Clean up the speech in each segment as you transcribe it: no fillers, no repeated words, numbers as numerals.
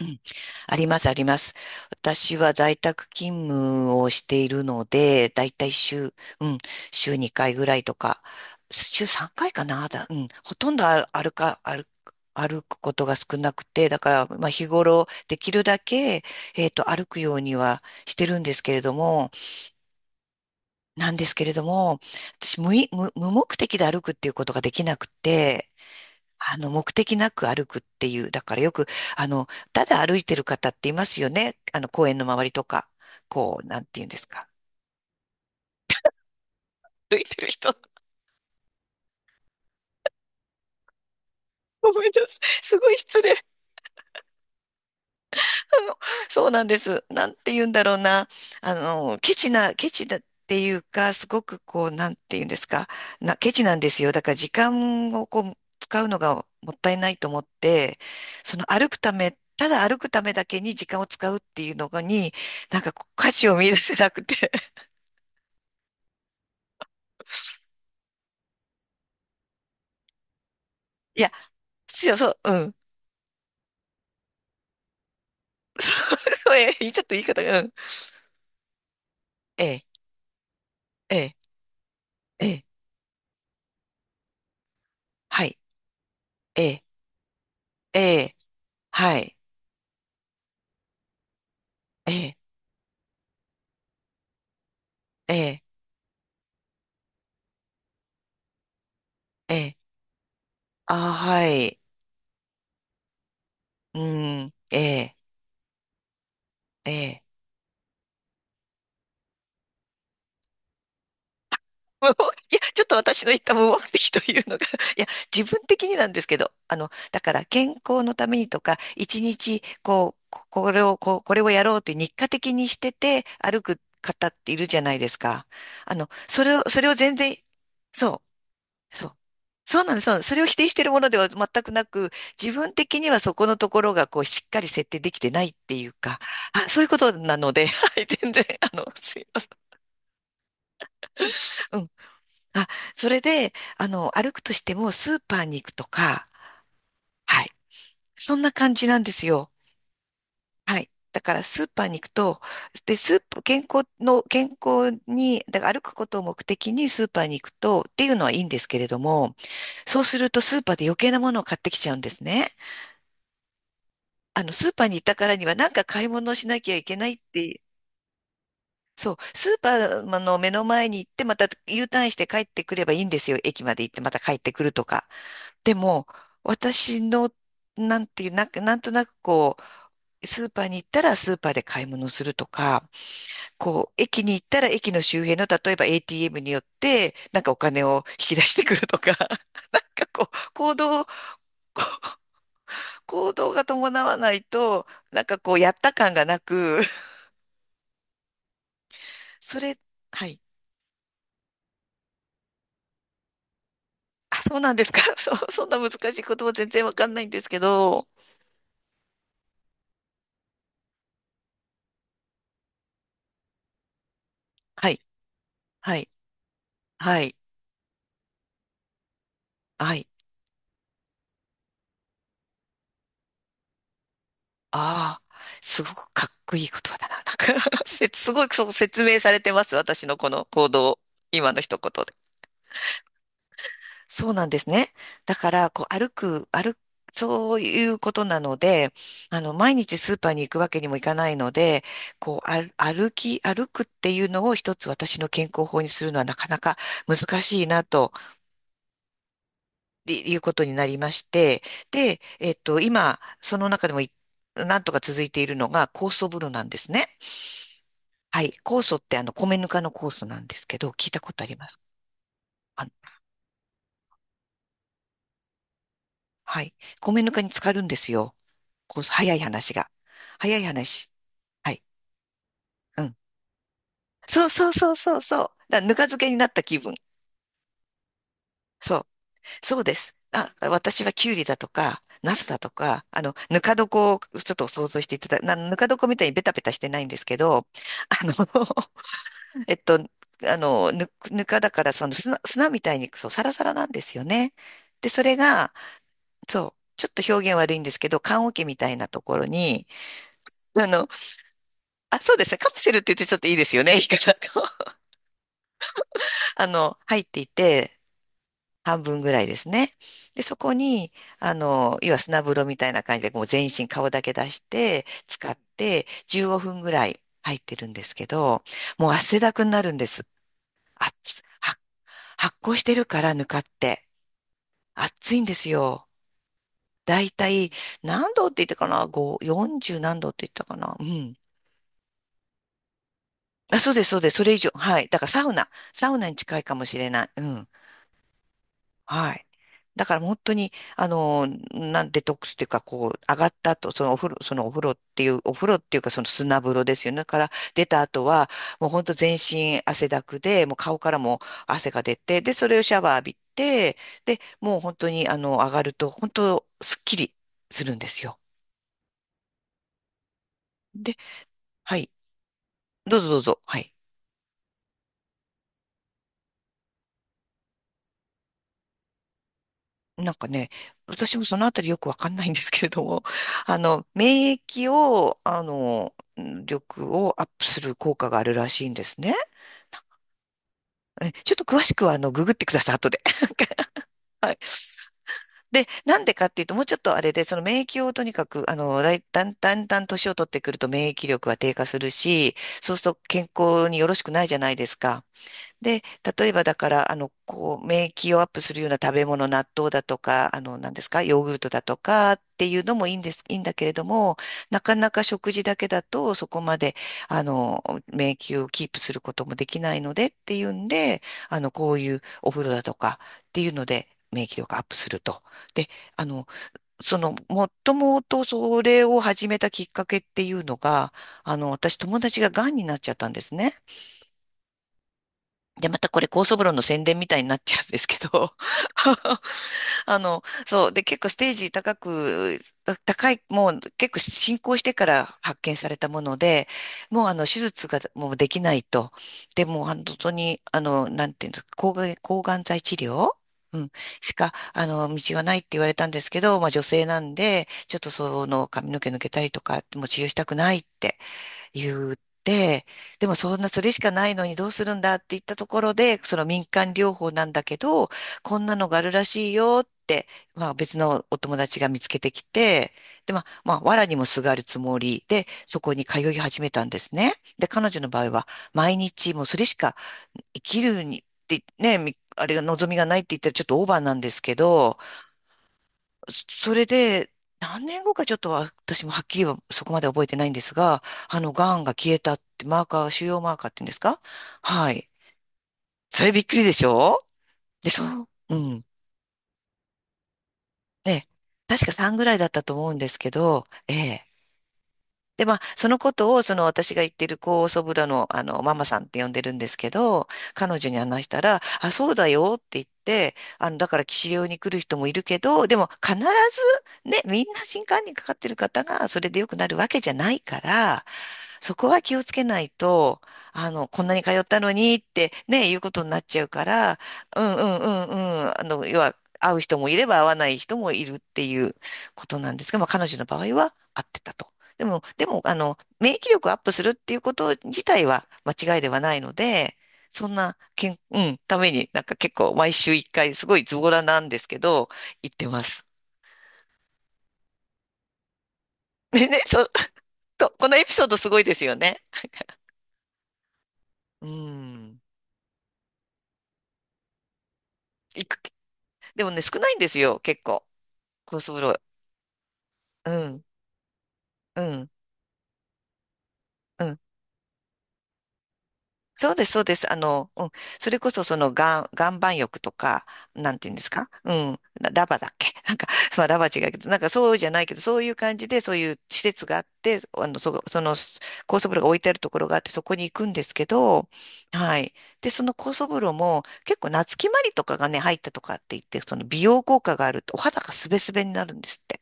うん、あります、あります。私は在宅勤務をしているので、だいたい週、うん、週2回ぐらいとか、週3回かいかな、だ、うん、ほとんど歩くことが少なくて、だから、まあ、日頃、できるだけ、歩くようにはしてるんですけれども、なんですけれども、私無い、無、無目的で歩くっていうことができなくて、目的なく歩くっていう、だからよく、あの、ただ歩いてる方っていますよね。公園の周りとか、こう、なんて言うんですか。歩いてる人。ごめんなさい。すごい失礼。の、そうなんです。なんて言うんだろうな。ケチだっていうか、すごくこう、なんて言うんですか。ケチなんですよ。だから時間をこう、使うのがもったいないと思って、その歩くため、ただ歩くためだけに時間を使うっていうのに、なんかこう価値を見出せなくて。いや、そう、そう、うん。そう、ええ、ちょっと言い方が、うん。ええ、ええ、ええ、はい、ええ、ええ、はい、ええ、ええ、ええ、ああはい、うん、ええ、ええ。もういや、ちょっと私の言った無目的というのが、いや、自分的になんですけど、だから健康のためにとか、一日、こう、これをやろうという日課的にしてて歩く方っているじゃないですか。それを全然、そう。そう。そうなんです。そうなんです。それを否定しているものでは全くなく、自分的にはそこのところがこうしっかり設定できてないっていうか、そういうことなので、はい、全然、すいません。うん。あ、それで、歩くとしてもスーパーに行くとか、はい。そんな感じなんですよ。はい。だからスーパーに行くと、で、スーパー、健康の、健康に、だから歩くことを目的にスーパーに行くとっていうのはいいんですけれども、そうするとスーパーで余計なものを買ってきちゃうんですね。スーパーに行ったからにはなんか買い物をしなきゃいけないって、そう、スーパーの目の前に行ってまた U ターンして帰ってくればいいんですよ。駅まで行ってまた帰ってくるとか。でも、私の、なんていう、なんか、なんとなくこう、スーパーに行ったらスーパーで買い物するとか、こう、駅に行ったら駅の周辺の、例えば ATM によって、なんかお金を引き出してくるとか、なんかこう、行動が伴わないと、なんかこう、やった感がなく、それ、はい。あ、そうなんですか。そう、そんな難しい言葉全然わかんないんですけど。はい、はい、はい、はい。ああ、すごくかっこいい言葉だな。すごいそう説明されてます。私のこの行動、今の一言で。そうなんですね。だから、こう、歩く、歩く、そういうことなので、毎日スーパーに行くわけにもいかないので、こう、歩くっていうのを一つ私の健康法にするのはなかなか難しいなとっていうことになりまして、で、今、その中でもなんとか続いているのが酵素風呂なんですね。はい。酵素って米ぬかの酵素なんですけど、聞いたことあります？あの、はい。米ぬかに浸かるんですよ。酵素、早い話が。早い話。はい。うん。そうそうそうそうそう。だからぬか漬けになった気分。そう。そうです。あ、私はキュウリだとか、ナスだとか、ぬか床をちょっと想像していただ、な、ぬか床みたいにベタベタしてないんですけど、あの、ぬかだからその砂みたいにそう、サラサラなんですよね。で、それが、そう、ちょっと表現悪いんですけど、棺桶みたいなところに、あの、そうですね、カプセルって言ってちょっといいですよね、言い方が 入っていて、半分ぐらいですね。で、そこに、要は砂風呂みたいな感じで、もう全身顔だけ出して、使って、15分ぐらい入ってるんですけど、もう汗だくになるんです。あ、つは発酵してるから、ぬかって。暑いんですよ。だいたい何度って言ったかな ?5、40何度って言ったかな、うん。あ、そうです、そうです。それ以上。はい。だからサウナ。サウナに近いかもしれない。うん。はい。だから本当に、デトックスっていうか、こう、上がった後、そのお風呂っていう、お風呂っていうか、その砂風呂ですよね。から出た後は、もう本当全身汗だくで、もう顔からも汗が出て、で、それをシャワー浴びて、で、もう本当に、上がると、本当、すっきりするんですよ。はい。どうぞどうぞ。はい。なんかね、私もそのあたりよくわかんないんですけれども、免疫を、力をアップする効果があるらしいんですね。ちょっと詳しくは、ググってください、後で。はい。で、なんでかっていうと、もうちょっとあれで、その免疫をとにかく、だんだんだん年を取ってくると免疫力は低下するし、そうすると健康によろしくないじゃないですか。で、例えばだから、こう、免疫をアップするような食べ物、納豆だとか、何ですか、ヨーグルトだとかっていうのもいいんだけれども、なかなか食事だけだと、そこまで、免疫をキープすることもできないのでっていうんで、こういうお風呂だとかっていうので、免疫力アップすると。で、あの、もっともとそれを始めたきっかけっていうのが、私友達が癌になっちゃったんですね。で、またこれ、高層風呂の宣伝みたいになっちゃうんですけど、そう、で、結構ステージ高く、た高い、もう結構進行してから発見されたもので、もう手術がもうできないと。で、もう本当に、なんていうんですか、抗がん剤治療うん、しか、道がないって言われたんですけど、まあ女性なんで、ちょっとその髪の毛抜けたりとか、もう治療したくないって言って、でもそんなそれしかないのにどうするんだって言ったところで、その民間療法なんだけど、こんなのがあるらしいよって、まあ別のお友達が見つけてきて、で、まあ、まあ、藁にもすがるつもりで、そこに通い始めたんですね。で、彼女の場合は、毎日もうそれしか生きるに、ってね、みあれが望みがないって言ったらちょっとオーバーなんですけど、それで、何年後かちょっとは私もはっきりはそこまで覚えてないんですが、癌が消えたって、マーカー、腫瘍マーカーって言うんですか。はい。それびっくりでしょ。で、そう、うん。ね、確か3ぐらいだったと思うんですけど、ええ。で、まあ、そのことを、その私が言ってる高祖父母の、ママさんって呼んでるんですけど、彼女に話したら、あ、そうだよって言って、だから、騎士用に来る人もいるけど、でも、必ず、ね、みんな新冠にかかってる方が、それで良くなるわけじゃないから、そこは気をつけないと、こんなに通ったのにってね、いうことになっちゃうから、うんうんうんうん、要は、会う人もいれば会わない人もいるっていうことなんですが、まあ、彼女の場合は会ってたと。でも、免疫力をアップするっていうこと自体は間違いではないので、そんな、けん、うん、ために、なんか結構毎週一回、すごいズボラなんですけど、行ってます。ね、そ、このエピソードすごいですよね。うん。行くでもね、少ないんですよ、結構。コースブロー。うん、うん、うん。そうです、そうです。うん。それこそ、その、岩盤浴とか、なんていうんですか。うん。ララバだっけ。 なんか、まあ、ラバ違うけど、なんかそうじゃないけど、そういう感じで、そういう施設があって、その、高速風呂が置いてあるところがあって、そこに行くんですけど、はい。で、その高速風呂も、結構、夏木マリとかがね、入ったとかって言って、その、美容効果があると、お肌がスベスベになるんですって。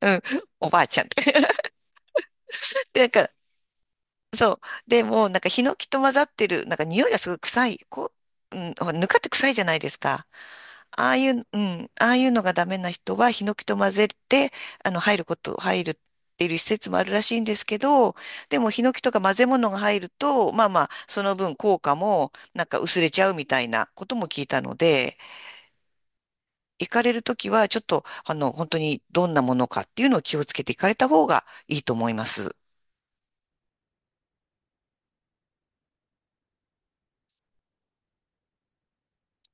うん。おばあちゃんって。なんか、そう。で、もなんかヒノキと混ざってる、なんか匂いがすごい臭い。こう、うん、ほらぬかって臭いじゃないですか。ああいう、うん、ああいうのがダメな人はヒノキと混ぜて、入るっていう施設もあるらしいんですけど、でもヒノキとか混ぜ物が入ると、まあまあ、その分効果もなんか薄れちゃうみたいなことも聞いたので、行かれるときはちょっと、本当にどんなものかっていうのを気をつけて行かれた方がいいと思います。